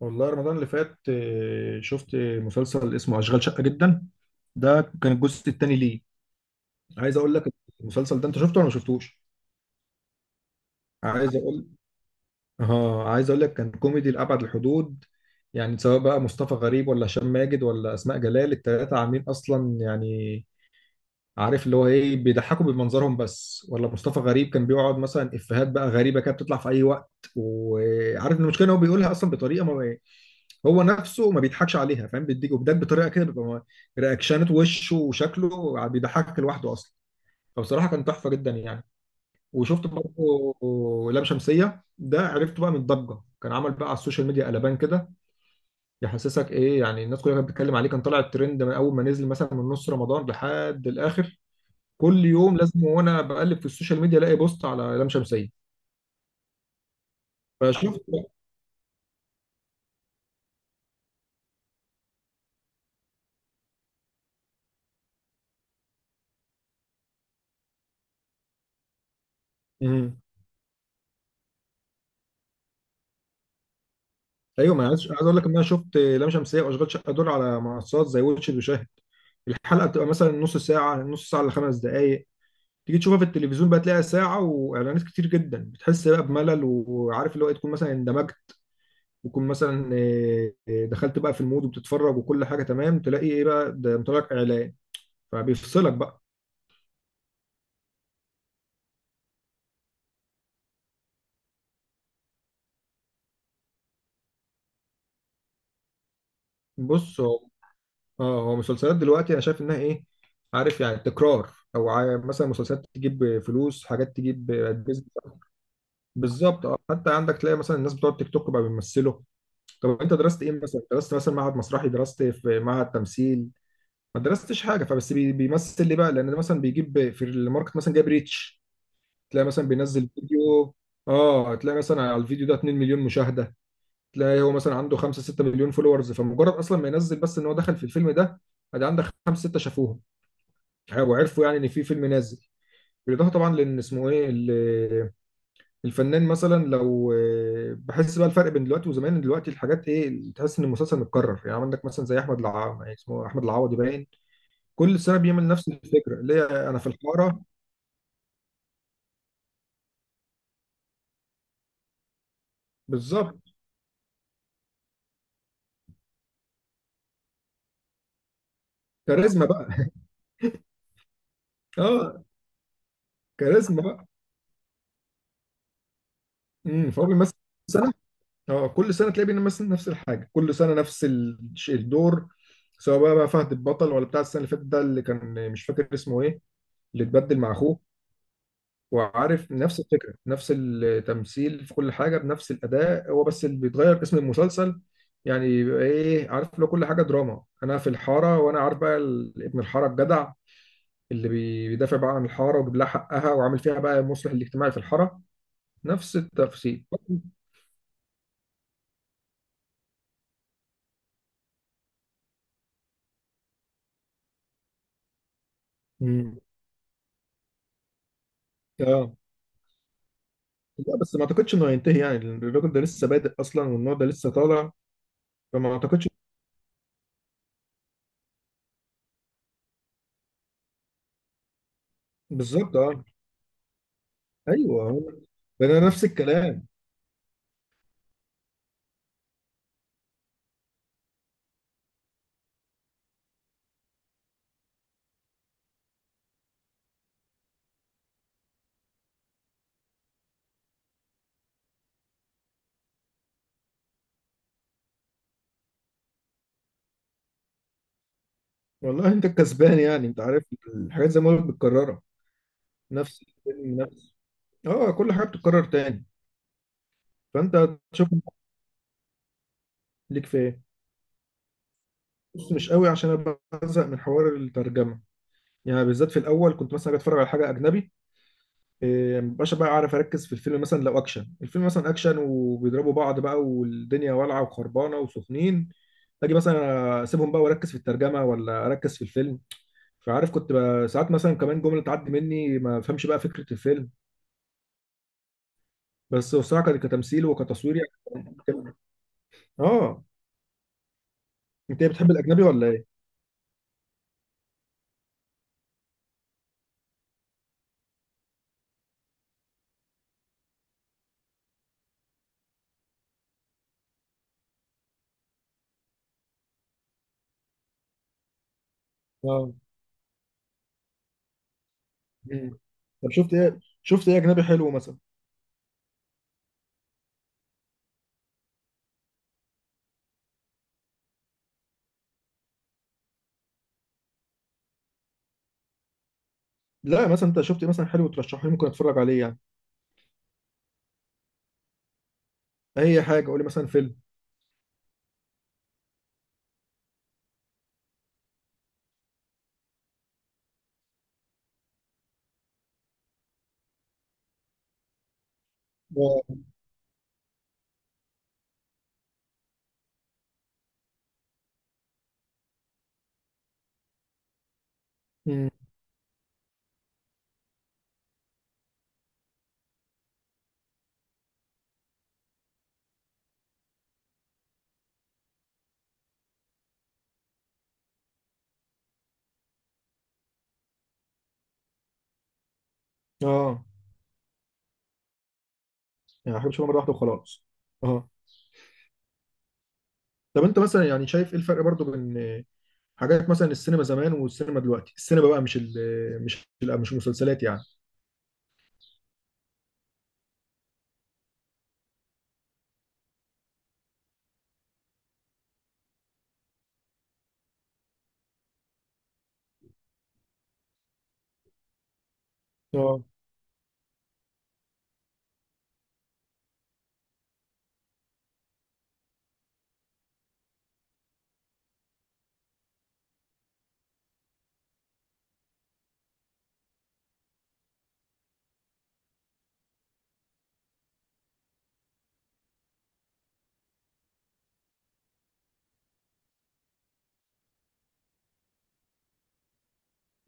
والله رمضان اللي فات شفت مسلسل اسمه أشغال شقة جدا. ده كان الجزء الثاني ليه. عايز اقول لك، المسلسل ده انت شفته ولا ما شفتوش؟ عايز اقول اه عايز اقول لك كان كوميدي لأبعد الحدود. يعني سواء بقى مصطفى غريب ولا هشام ماجد ولا أسماء جلال، التلاتة عاملين اصلا، يعني عارف اللي هو ايه، بيضحكوا بمنظرهم بس. ولا مصطفى غريب كان بيقعد مثلا افيهات بقى غريبة كده بتطلع في اي وقت، وعارف إن المشكلة ان هو بيقولها اصلا بطريقة هو نفسه ما بيضحكش عليها، فاهم؟ بيديك وبيضحك بطريقه كده بيبقى رياكشنات وشه وشكله بيضحكك لوحده اصلا. فبصراحه كان تحفه جدا يعني. وشفت برضه لام شمسيه، ده عرفته بقى من الضجه، كان عمل بقى على السوشيال ميديا قلبان كده. يحسسك ايه يعني، الناس كلها كانت بتتكلم عليه، كان طالع الترند من اول ما نزل، مثلا من نص رمضان لحد الاخر. كل يوم لازم وانا بقلب في السوشيال ميديا الاقي بوست على لام شمسيه. فشفت. ايوه ما أنا عايز اقول لك ان انا شفت لام شمسيه واشغال شقه دول على منصات زي واتشد وشاهد. الحلقه بتبقى مثلا نص ساعه نص ساعه لخمس دقائق، تيجي تشوفها في التلفزيون بقى تلاقيها ساعه واعلانات كتير جدا، بتحس بقى بملل. وعارف اللي هو تكون مثلا اندمجت، وتكون مثلا إيه، إيه، دخلت بقى في المود وبتتفرج وكل حاجه تمام، تلاقي ايه بقى ده مطلع لك اعلان، فبيفصلك بقى. بص، هو اه هو مسلسلات دلوقتي انا شايف انها ايه، عارف يعني تكرار، او مثلا مسلسلات تجيب فلوس، حاجات تجيب. بالظبط اه. حتى عندك تلاقي مثلا الناس بتوع التيك توك بقى بيمثلوا. طب انت درست ايه؟ مثلا درست مثلا معهد مسرحي، درست في معهد تمثيل؟ ما درستش حاجه، فبس بيمثل ليه بقى؟ لان ده مثلا بيجيب في الماركت، مثلا جايب ريتش. تلاقي مثلا بينزل فيديو، اه تلاقي مثلا على الفيديو ده 2 مليون مشاهده. تلاقي هو مثلا عنده 5 6 مليون فولورز، فمجرد اصلا ما ينزل بس ان هو دخل في الفيلم ده، ادي عندك 5 6 شافوه وعرفوا يعني ان في فيلم نازل. بالاضافه طبعا لان اسمه ايه، الفنان. مثلا لو بحس بقى الفرق بين دلوقتي وزمان. دلوقتي الحاجات ايه، تحس ان المسلسل متكرر. يعني عندك مثلا زي احمد العوضي، يعني اسمه احمد العوضي باين كل سنه بيعمل نفس الفكره اللي هي انا في الحاره. بالظبط. كاريزما بقى. اه كاريزما بقى. فهو بيمثل سنه. اه كل سنه تلاقيه بيمثل نفس الحاجه، كل سنه نفس الدور، سواء بقى فهد البطل ولا بتاع السنه اللي فاتت ده اللي كان مش فاكر اسمه ايه، اللي اتبدل مع اخوه. وعارف نفس الفكرة، نفس التمثيل في كل حاجة بنفس الأداء، هو بس اللي بيتغير اسم المسلسل. يعني يبقى إيه، عارف لو كل حاجة دراما أنا في الحارة، وأنا عارف بقى ابن الحارة الجدع اللي بيدافع بقى عن الحارة ويجيب لها حقها وعامل فيها بقى المصلح الاجتماعي في الحارة، نفس التفسير. مم. اه لا بس ما اعتقدش انه هينتهي، يعني الراجل ده لسه بادئ اصلا، والنوع ده لسه طالع، فما اعتقدش. بالظبط اه. ايوه هو- ده انا نفس الكلام. والله انت الكسبان، يعني انت عارف، الحاجات زي ما قلت متكرره، نفس الفيلم نفس اه كل حاجه بتتكرر تاني. فانت تشوف ليك في ايه؟ بص مش قوي، عشان انا بزهق من حوار الترجمه. يعني بالذات في الاول كنت مثلا أجي اتفرج على حاجه اجنبي، مبقاش بقى عارف اركز في الفيلم. مثلا لو اكشن، الفيلم مثلا اكشن وبيضربوا بعض بقى والدنيا والعه وخربانه وسخنين، اجي مثلا اسيبهم بقى واركز في الترجمه، ولا اركز في الفيلم. فعارف، كنت بقى ساعات مثلا كمان جمله تعدي مني ما افهمش بقى فكره الفيلم. بس بصراحه كتمثيل وكتصوير يعني بتبقى- اه. انت إيه، بتحب الاجنبي ولا ايه؟ اه. مم. طب شفت ايه؟ شفت ايه اجنبي حلو مثلا؟ لا مثلا انت شفت إيه مثلا حلو ترشحه لي، ممكن اتفرج عليه يعني؟ اي حاجه، قول لي مثلا فيلم. آه. مم. اه، يعني احب اشوفها مره واحده وخلاص. اه. طب انت مثلا يعني شايف ايه الفرق برضو بين حاجات مثلا السينما زمان والسينما دلوقتي؟ السينما بقى، مش المسلسلات يعني. آه.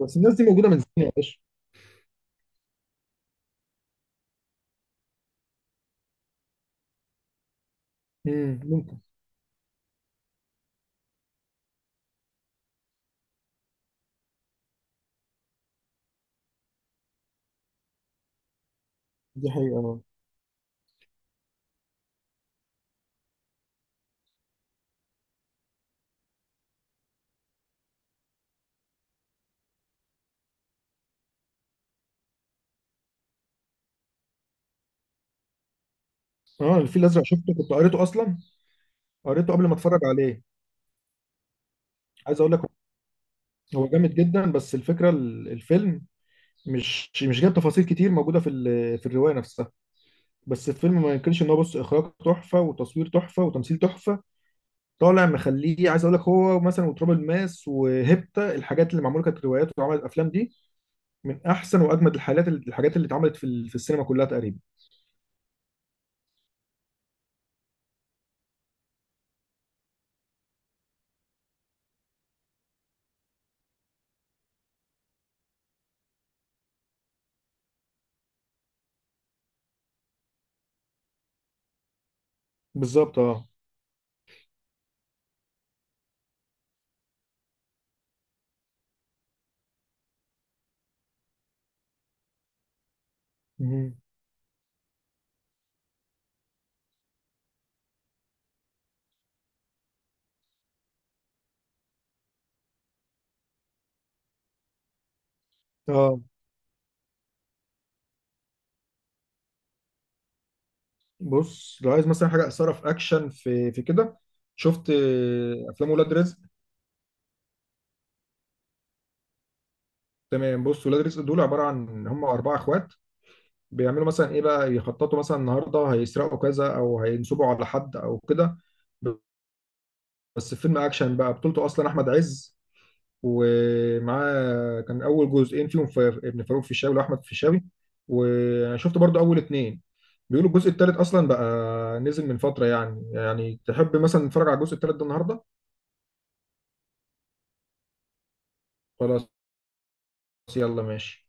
بس الناس دي موجوده من زمان يا باشا. امم، ممكن. دي حقيقة آه. اه الفيل الازرق شفته، كنت قريته اصلا، قريته قبل ما اتفرج عليه. عايز اقول لك، هو جامد جدا، بس الفكره الفيلم مش جايب تفاصيل كتير موجوده في في الروايه نفسها. بس الفيلم ما ينكرش ان هو، بص، اخراج تحفه وتصوير تحفه وتمثيل تحفه. طالع مخليه. عايز اقول لك هو مثلا وتراب الماس وهيبتا، الحاجات اللي معموله كانت روايات وعملت افلام، دي من احسن واجمد الحالات اللي الحاجات اللي اتعملت في في السينما كلها تقريبا. بالظبط اه. مهم. اه بص، لو عايز مثلا حاجه اثاره في اكشن في في كده، شفت افلام ولاد رزق؟ تمام، بص، ولاد رزق دول عباره عن هم 4 اخوات، بيعملوا مثلا ايه بقى، يخططوا مثلا النهارده هيسرقوا كذا او هينصبوا على حد او كده. بس فيلم اكشن بقى، بطولته اصلا احمد عز، ومعاه كان اول جزئين فيهم ابن فاروق فيشاوي واحمد فيشاوي. وانا شفت برضو اول 2، بيقولوا الجزء التالت اصلا بقى نزل من فتره. يعني يعني تحب مثلا نتفرج على الجزء التالت ده النهارده؟ خلاص، يلا ماشي.